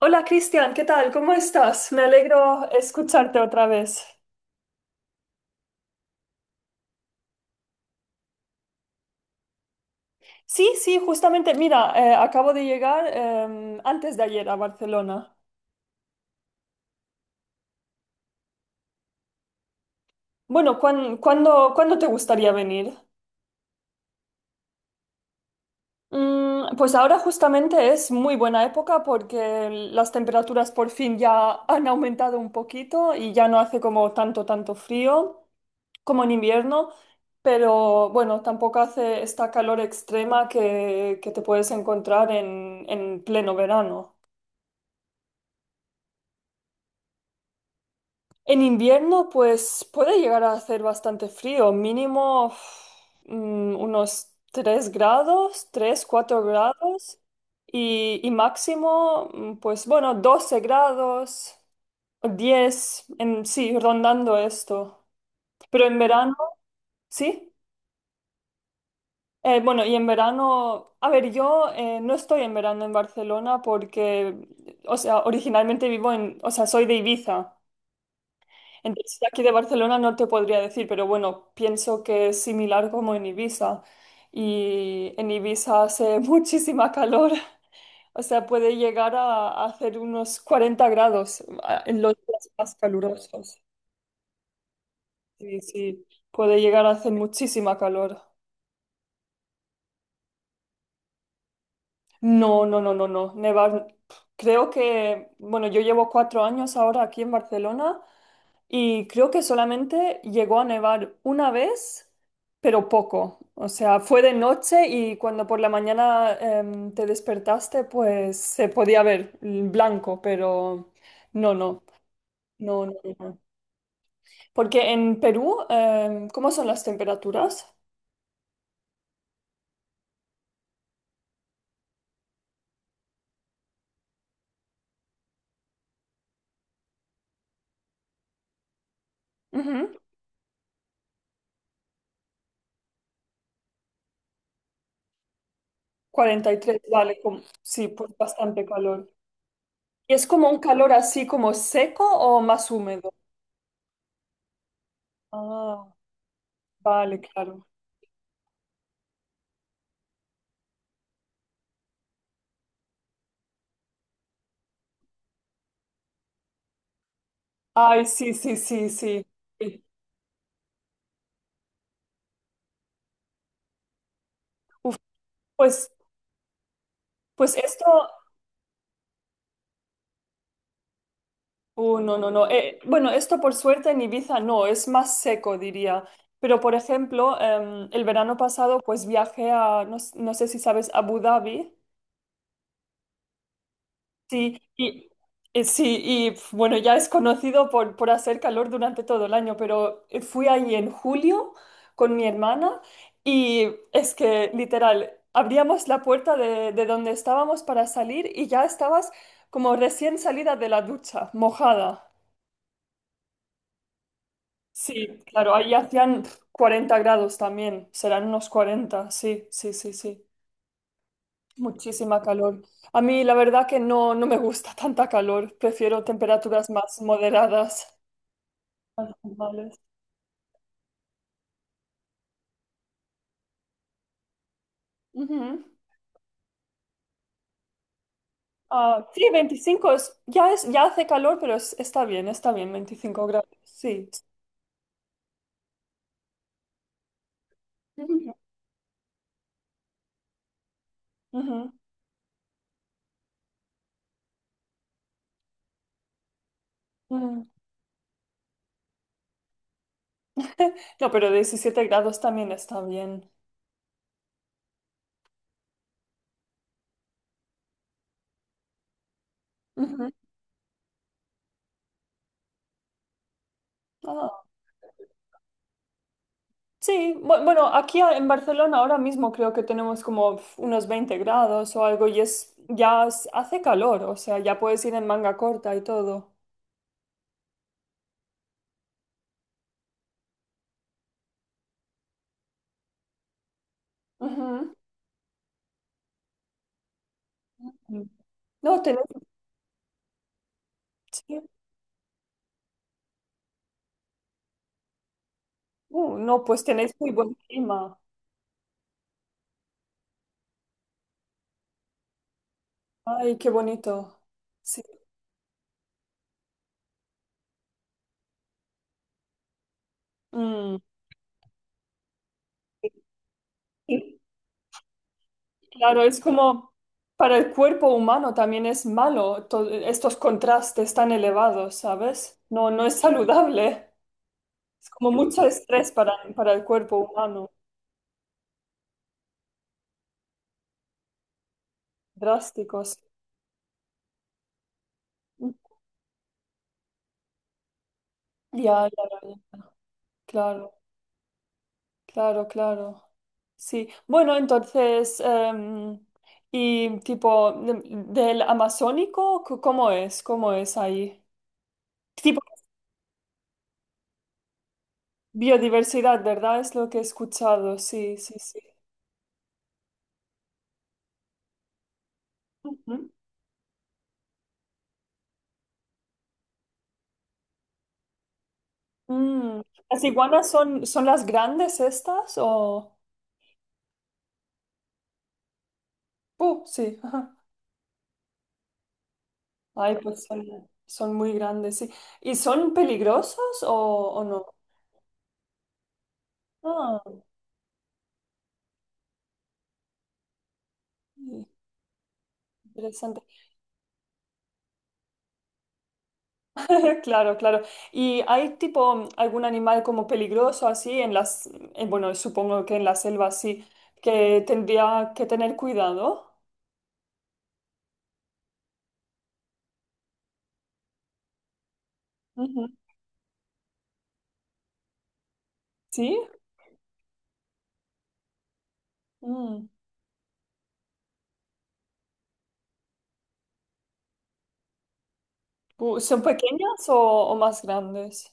Hola, Cristian, ¿qué tal? ¿Cómo estás? Me alegro escucharte otra vez. Sí, sí, justamente, mira, acabo de llegar antes de ayer a Barcelona. Bueno, ¿cuándo, cuándo te gustaría venir? Pues ahora justamente es muy buena época porque las temperaturas por fin ya han aumentado un poquito y ya no hace como tanto, tanto frío, como en invierno, pero bueno, tampoco hace esta calor extrema que te puedes encontrar en pleno verano. En invierno, pues puede llegar a hacer bastante frío, mínimo uf, unos 3 grados, 3 4 grados. Y máximo, pues bueno, 12 grados, 10 en, sí, rondando esto. Pero en verano, ¿sí? Bueno, y en verano, a ver, yo, no estoy en verano en Barcelona porque, o sea, originalmente vivo en, o sea, soy de Ibiza. Entonces, de aquí de Barcelona no te podría decir, pero bueno, pienso que es similar como en Ibiza. Y en Ibiza hace muchísima calor, o sea, puede llegar a hacer unos 40 grados en los días más calurosos. Sí, sí, puede llegar a hacer muchísima calor. No, no, no, no, no. Nevar, creo que, bueno, yo llevo 4 años ahora aquí en Barcelona y creo que solamente llegó a nevar una vez, pero poco. O sea, fue de noche y cuando por la mañana te despertaste, pues se podía ver el blanco, pero no, no, no, no, no, no. Porque en Perú, ¿cómo son las temperaturas? Ujú, 43, vale, sí, pues bastante calor. ¿Y es como un calor así como seco o más húmedo? Ah, vale, claro. Ay, sí, sí, sí, sí. Sí. Uf, pues, pues esto, no, no, no. Bueno, esto por suerte en Ibiza no, es más seco, diría. Pero, por ejemplo, el verano pasado, pues viajé a, no, no sé si sabes, Abu Dhabi. Sí, y, sí, y pf, bueno, ya es conocido por hacer calor durante todo el año, pero fui ahí en julio con mi hermana y es que literal, abríamos la puerta de donde estábamos para salir y ya estabas como recién salida de la ducha, mojada. Sí, claro, ahí hacían pf, 40 grados también, serán unos 40, sí, sí, sí, sí. Muchísima calor. A mí la verdad que no, no me gusta tanta calor. Prefiero temperaturas más moderadas, más normales. Ujú. Ah, sí, 25 es, ya hace calor, pero está bien, 25 grados. Sí. Ujú, ujú, ujú. No, pero 17 grados también está bien. Ujú. Ah, sí, bueno, aquí en Barcelona ahora mismo creo que tenemos como pf, unos 20 grados o algo y es, ya hace calor, o sea, ya puedes ir en manga corta y todo. Ujú. No, tenés, sí. No, pues tenéis muy buen clima. Ay, qué bonito. Sí. Mm. Y, claro, es como para el cuerpo humano también es malo, estos contrastes tan elevados, ¿sabes? No, no es saludable. Es como mucho estrés para el cuerpo humano. Drásticos. Mm. Ya, ya, ya, ya. Claro. Claro, claro. Sí. Bueno, entonces, y tipo del Amazónico, ¿cómo es? ¿Cómo es ahí? Tipo biodiversidad, ¿verdad? Es lo que he escuchado. Sí, sí, sí. Ujú. Mm. ¿Las iguanas son, son las grandes estas o...? Sí, ajá. Ay, pues son, son muy grandes, sí. ¿Y son peligrosos o no? Ah, ok, interesante. Claro, claro. ¿Y hay tipo algún animal como peligroso así en las, bueno, supongo que en la selva sí, que tendría que tener cuidado? Ujú. ¿Sí? Mm. ¿Son pequeñas o más grandes?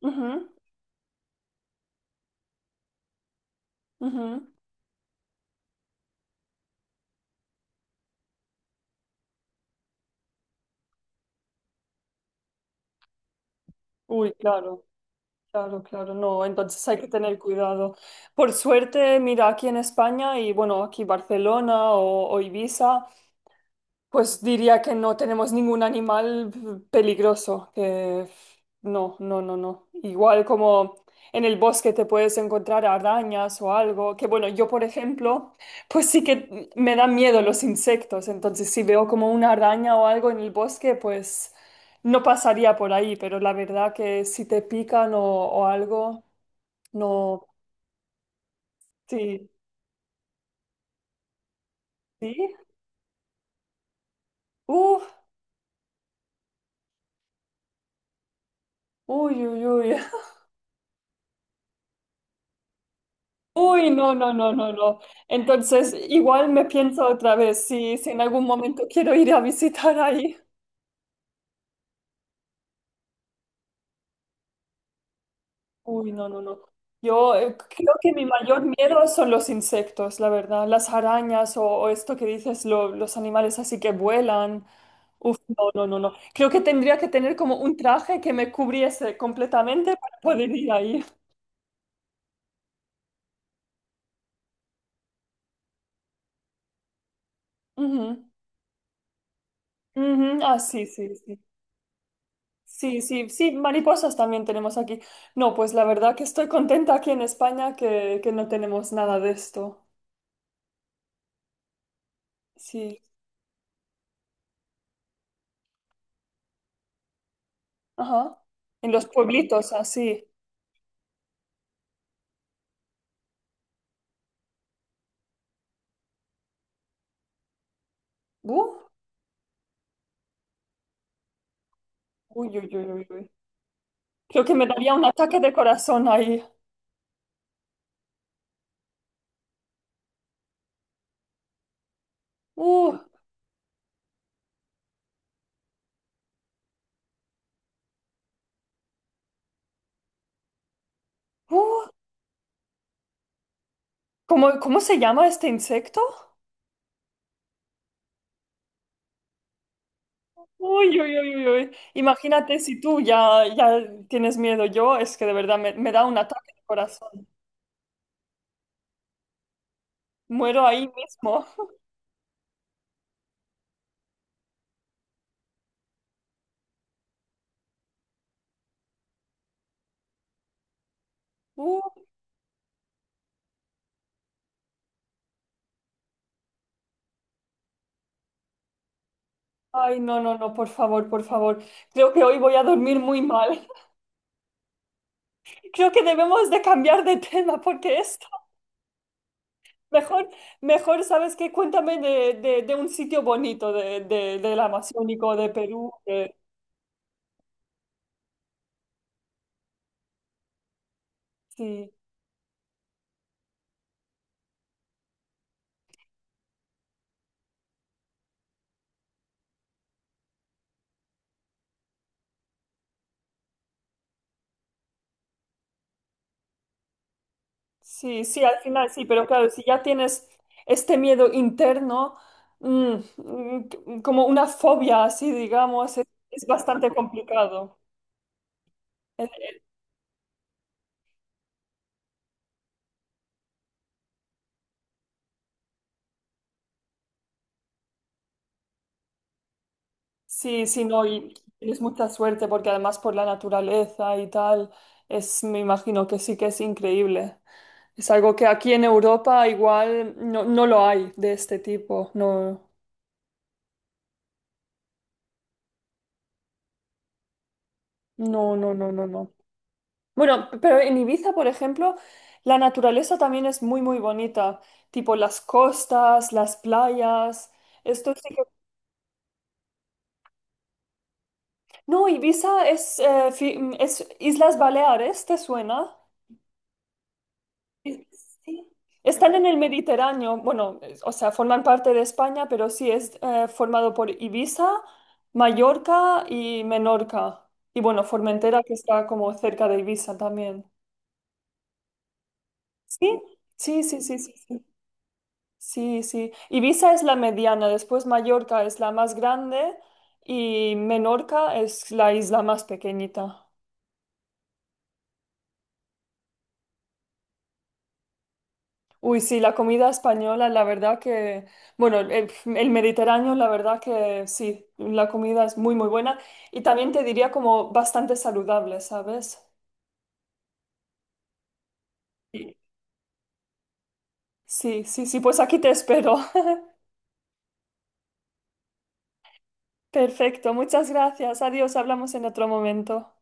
Ujú, ujú. Uy, claro, claro, claro. No, entonces hay que tener cuidado. Por suerte, mira, aquí en España y bueno, aquí Barcelona o Ibiza. Pues diría que no tenemos ningún animal peligroso, que no, no, no, no. Igual como en el bosque te puedes encontrar arañas o algo, que bueno, yo por ejemplo, pues sí que me dan miedo los insectos, entonces si veo como una araña o algo en el bosque, pues no pasaría por ahí, pero la verdad que si te pican o algo, no, sí, sí, uff, uy, uy, uy. Uy, no, no, no, no, no. Entonces, igual me pienso otra vez si, si en algún momento quiero ir a visitar ahí. Uy, no, no, no. Yo, creo que mi mayor miedo son los insectos, la verdad. Las arañas o esto que dices, los animales así que vuelan. Uf, no, no, no, no. Creo que tendría que tener como un traje que me cubriese completamente para poder ir ahí. Ujú, ujú. Ah, sí, sí, sí. Sí, sí, sí, mariposas también tenemos aquí. No, pues la verdad que estoy contenta aquí en España que no tenemos nada de esto. Sí, ajá. En los pueblitos, así. Uh, uy, uy, uy, uy, uy. Creo que me daría un ataque de corazón ahí. Uh, uh. ¿Cómo, cómo se llama este insecto? Uy, uy, uy, uy, uy. Imagínate si tú ya, ya tienes miedo. Yo es que de verdad me, me da un ataque de corazón. Muero ahí mismo. Ay, no, no, no, por favor, por favor. Creo que hoy voy a dormir muy mal. Creo que debemos de cambiar de tema porque esto, mejor, mejor, ¿sabes qué? Cuéntame de un sitio bonito de, del Amazónico, de Perú. Sí, sí, sí, al final sí, pero claro, si ya tienes este miedo interno, mm, mm, como una fobia así, digamos, es bastante complicado. Sí, sí, no, y tienes mucha suerte porque además por la naturaleza y tal, es, me imagino que sí que es increíble. Es algo que aquí en Europa igual no, no lo hay de este tipo. No, no, no, no, no, no. Bueno, pero en Ibiza, por ejemplo, la naturaleza también es muy, muy bonita. Tipo las costas, las playas. Esto sí que... No, Ibiza es, es Islas Baleares, ¿te suena? Están en el Mediterráneo, bueno, o sea, forman parte de España, pero sí es formado por Ibiza, Mallorca y Menorca. Y bueno, Formentera, que está como cerca de Ibiza también. ¿Sí? Sí, sí, sí, sí, sí. Sí, sí. Ibiza es la mediana, después Mallorca es la más grande y Menorca es la isla más pequeñita. Uy, sí, la comida española, la verdad que, bueno, el Mediterráneo, la verdad que sí, la comida es muy, muy buena y también te diría como bastante saludable, ¿sabes? Sí. Sí, sí, sí, pues aquí te espero. Perfecto, muchas gracias. Adiós, hablamos en otro momento.